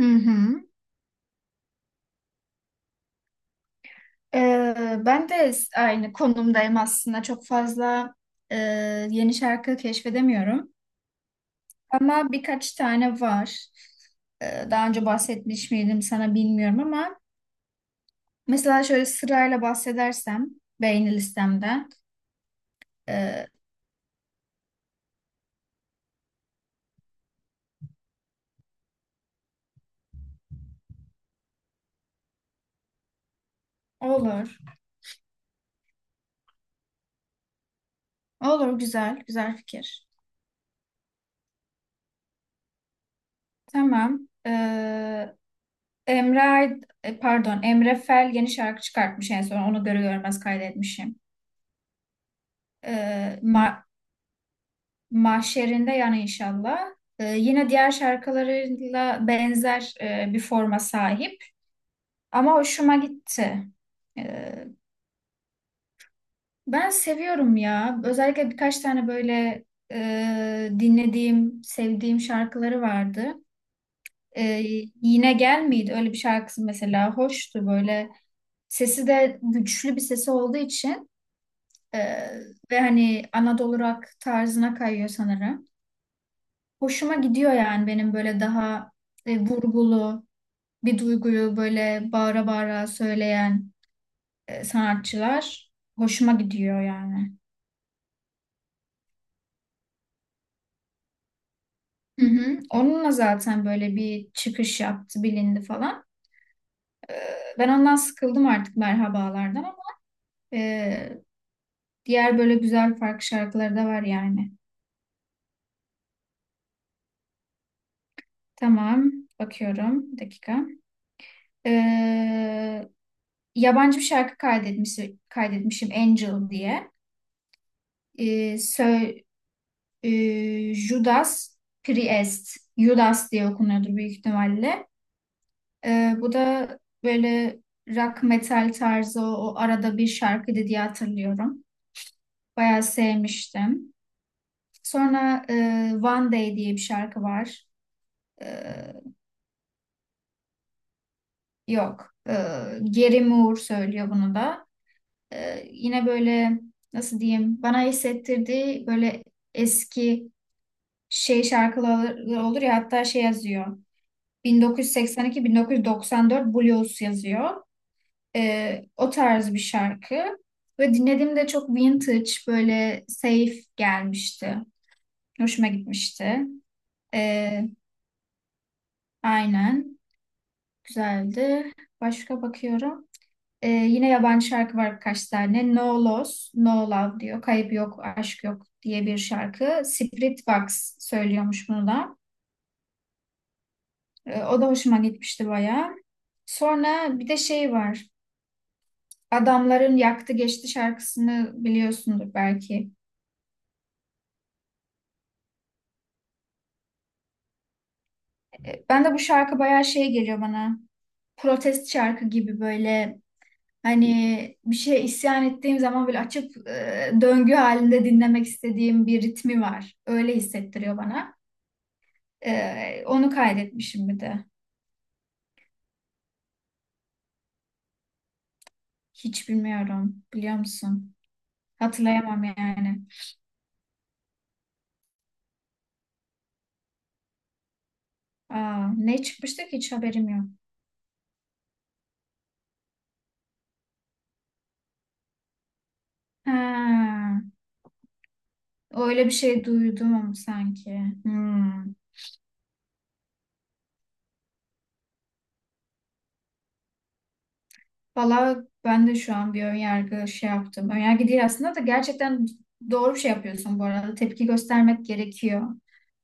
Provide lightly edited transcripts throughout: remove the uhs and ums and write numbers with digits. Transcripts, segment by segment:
Hı hı. Ben de aynı konumdayım aslında. Çok fazla e, yeni şarkı keşfedemiyorum. Ama birkaç tane var. Daha önce bahsetmiş miydim sana bilmiyorum ama mesela şöyle sırayla bahsedersem beğeni listemden e, olur. Olur, güzel güzel fikir. Tamam. Ee, Pardon, Emre Fel yeni şarkı çıkartmış, en son onu görmez kaydetmişim. Ee, Ma- Mahşerinde yani inşallah. Yine diğer şarkılarıyla benzer bir forma sahip ama hoşuma gitti. Ee, Ben seviyorum ya. Özellikle birkaç tane böyle dinlediğim, sevdiğim şarkıları vardı. Ee, Yine Gel miydi? Öyle bir şarkısı mesela hoştu böyle. Sesi de güçlü bir sesi olduğu için e, ve hani Anadolu rock tarzına kayıyor sanırım. Hoşuma gidiyor yani, benim böyle daha vurgulu bir duyguyu böyle bağıra bağıra söyleyen sanatçılar hoşuma gidiyor yani. Hı hı. Onunla zaten böyle bir çıkış yaptı, bilindi falan. Ben ondan sıkıldım artık merhabalardan ama e, diğer böyle güzel farklı şarkıları da var yani. Tamam, bakıyorum. Bir dakika. E, Yabancı bir şarkı kaydetmişim, Angel diye. Ee, sö- Judas Priest, Judas diye okunuyordur büyük ihtimalle. Bu da böyle rock metal tarzı, o arada bir şarkıydı diye hatırlıyorum. Bayağı sevmiştim. Sonra One Day diye bir şarkı var. E, Yok. Gary Moore söylüyor bunu da. Yine böyle, nasıl diyeyim, bana hissettirdiği böyle eski şey şarkıları olur ya, hatta şey yazıyor. 1982-1994 Blues yazıyor. O tarz bir şarkı. Ve dinlediğimde çok vintage, böyle safe gelmişti. Hoşuma gitmişti. Ee, aynen. Güzeldi. Başka bakıyorum. Yine yabancı şarkı var birkaç tane. No Loss, No Love diyor. Kayıp yok, aşk yok diye bir şarkı. Spiritbox söylüyormuş bunu da. O da hoşuma gitmişti bayağı. Sonra bir de şey var. Adamların Yaktı Geçti şarkısını biliyorsundur belki. Ben de bu şarkı bayağı şey geliyor bana. Protest şarkı gibi böyle, hani bir şeye isyan ettiğim zaman böyle açıp döngü halinde dinlemek istediğim bir ritmi var. Öyle hissettiriyor bana. Onu kaydetmişim bir de. Hiç bilmiyorum. Biliyor musun? Hatırlayamam yani. Aa, ne çıkmıştı ki, hiç haberim yok. Ha, öyle bir şey duydum ama sanki. Hmm. Valla ben de şu an bir önyargı şey yaptım. Önyargı değil aslında da, gerçekten doğru bir şey yapıyorsun bu arada. Tepki göstermek gerekiyor.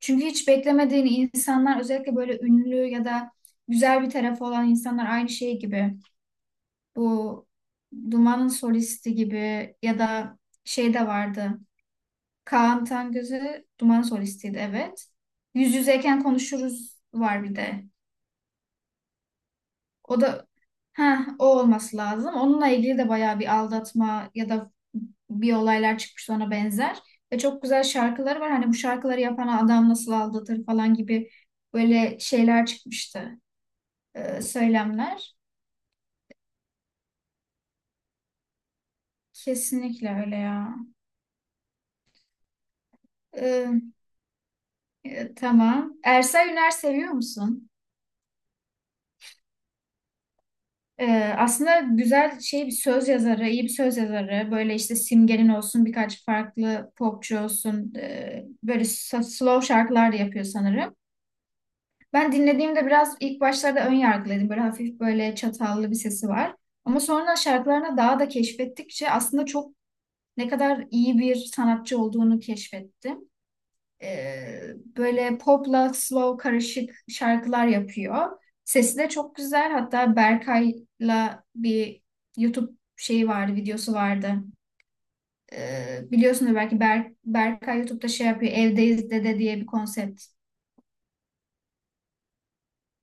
Çünkü hiç beklemediğin insanlar, özellikle böyle ünlü ya da güzel bir tarafı olan insanlar aynı şey gibi. Bu Duman'ın solisti gibi ya da şey de vardı. Kaan Tangöz'ü, Duman solistiydi, evet. Yüz yüzeyken konuşuruz var bir de. O da, ha, o olması lazım. Onunla ilgili de bayağı bir aldatma ya da bir olaylar çıkmış, ona benzer. Ve çok güzel şarkıları var. Hani bu şarkıları yapan adam nasıl aldatır falan gibi böyle şeyler çıkmıştı. Söylemler. Kesinlikle öyle ya. Ee, tamam. Ersel Üner seviyor musun? Aslında güzel bir söz yazarı, iyi bir söz yazarı. Böyle işte Simge'nin olsun, birkaç farklı popçu olsun. Böyle slow şarkılar da yapıyor sanırım. Ben dinlediğimde biraz ilk başlarda ön yargılıydım. Böyle hafif, böyle çatallı bir sesi var. Ama sonra şarkılarına daha da keşfettikçe aslında çok ne kadar iyi bir sanatçı olduğunu keşfettim. Ee, Böyle popla slow karışık şarkılar yapıyor. Sesi de çok güzel. Hatta Berkay'la bir YouTube şeyi vardı, videosu vardı. Biliyorsunuz belki, Berkay YouTube'da şey yapıyor. Evdeyiz Dede diye bir konsept.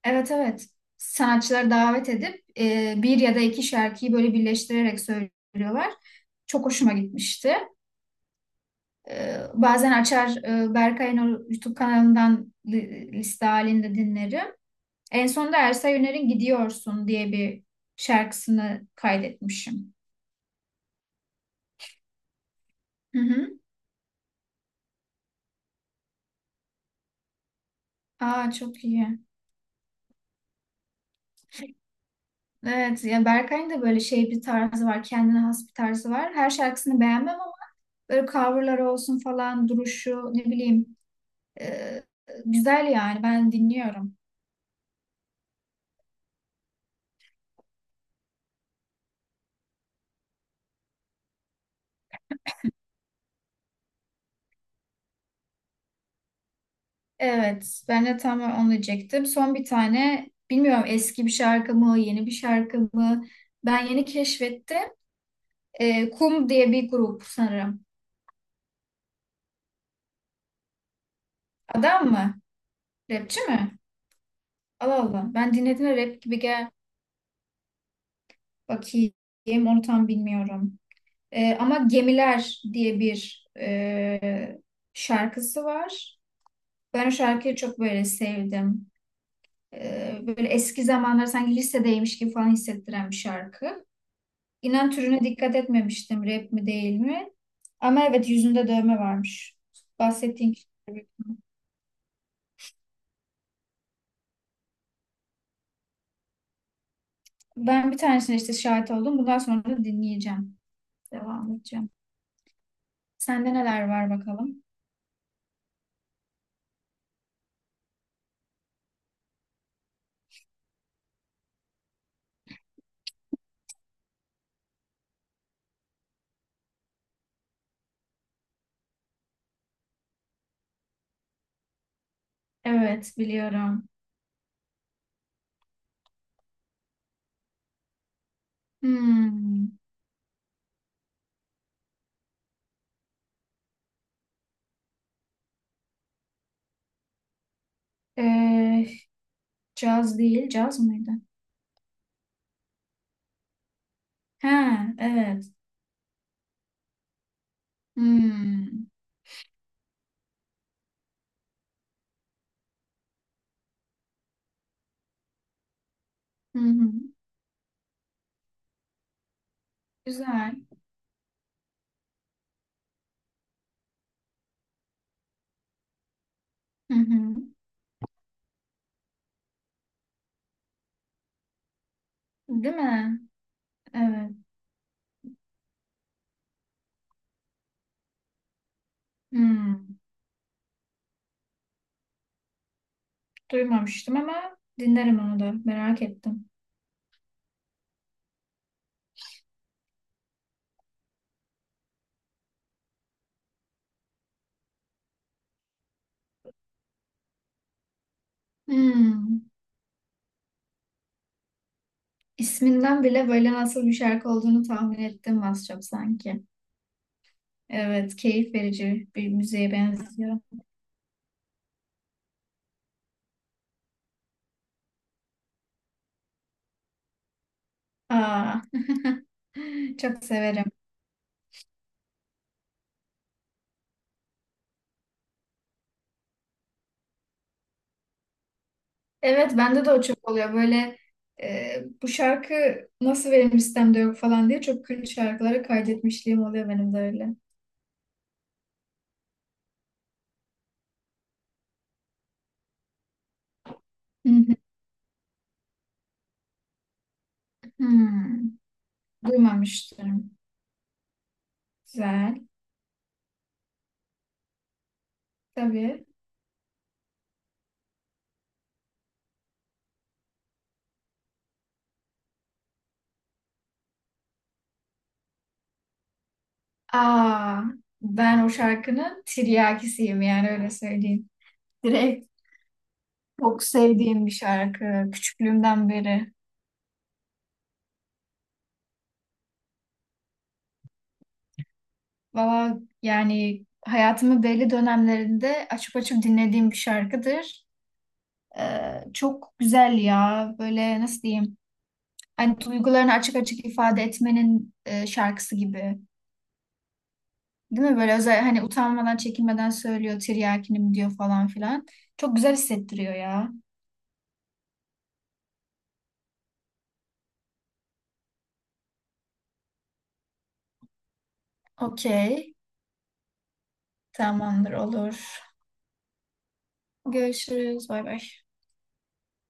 Evet, evet. Sanatçıları davet edip bir ya da iki şarkıyı böyle birleştirerek söylüyorlar. Çok hoşuma gitmişti. Bazen açar, Berkay'ın o YouTube kanalından liste halinde dinlerim. En son da Ersa Yener'in Gidiyorsun diye bir şarkısını kaydetmişim. Hı hı. Aa, çok iyi. Evet ya, Berkay'ın da böyle bir tarzı var. Kendine has bir tarzı var. Her şarkısını beğenmem ama böyle coverları olsun falan, duruşu, ne bileyim, e, güzel yani, ben dinliyorum. Evet, ben de tam onu diyecektim. Son bir tane, bilmiyorum eski bir şarkı mı yeni bir şarkı mı, ben yeni keşfettim. Kum diye bir grup sanırım. Adam mı? Rapçi mi? Allah Allah. Ben dinlediğimde rap gibi gel bakayım. Onu tam bilmiyorum. Ama Gemiler diye bir şarkısı var. Ben o şarkıyı çok böyle sevdim. Böyle eski zamanlar, sanki lisedeymiş gibi falan hissettiren bir şarkı. İnan türüne dikkat etmemiştim, rap mi değil mi? Ama evet, yüzünde dövme varmış. Bahsettiğin kişi. Ben bir tanesine işte şahit oldum. Bundan sonra da dinleyeceğim. Devam edeceğim. Sende neler var bakalım? Evet, biliyorum. Hmm. Ee, Caz değil, caz mıydı? Ha, evet. Hmm. Hı hı. Güzel. Hı hı. Değil mi? Evet. Hmm. Duymamıştım ama dinlerim onu da. Merak ettim. Hmm. İsminden bile böyle nasıl bir şarkı olduğunu tahmin ettim az çok sanki. Evet, keyif verici bir müziğe benziyor. Aa, çok severim. Evet, bende de o çok oluyor. Böyle bu şarkı nasıl benim listemde yok falan diye çok kült şarkıları kaydetmişliğim oluyor benim de öyle. Hı hı. Hmm, duymamıştım. Güzel. Tabii. Aa, ben o şarkının tiryakisiyim yani, öyle söyleyeyim. Direkt çok sevdiğim bir şarkı. Küçüklüğümden beri. Valla yani hayatımın belli dönemlerinde açıp açıp dinlediğim bir şarkıdır. Çok güzel ya. Böyle nasıl diyeyim? Hani duygularını açık açık ifade etmenin şarkısı gibi. Değil mi? Böyle özel, hani utanmadan çekinmeden söylüyor, tiryakinim diyor falan filan. Çok güzel hissettiriyor ya. Okey. Tamamdır, olur. Görüşürüz. Bay bay.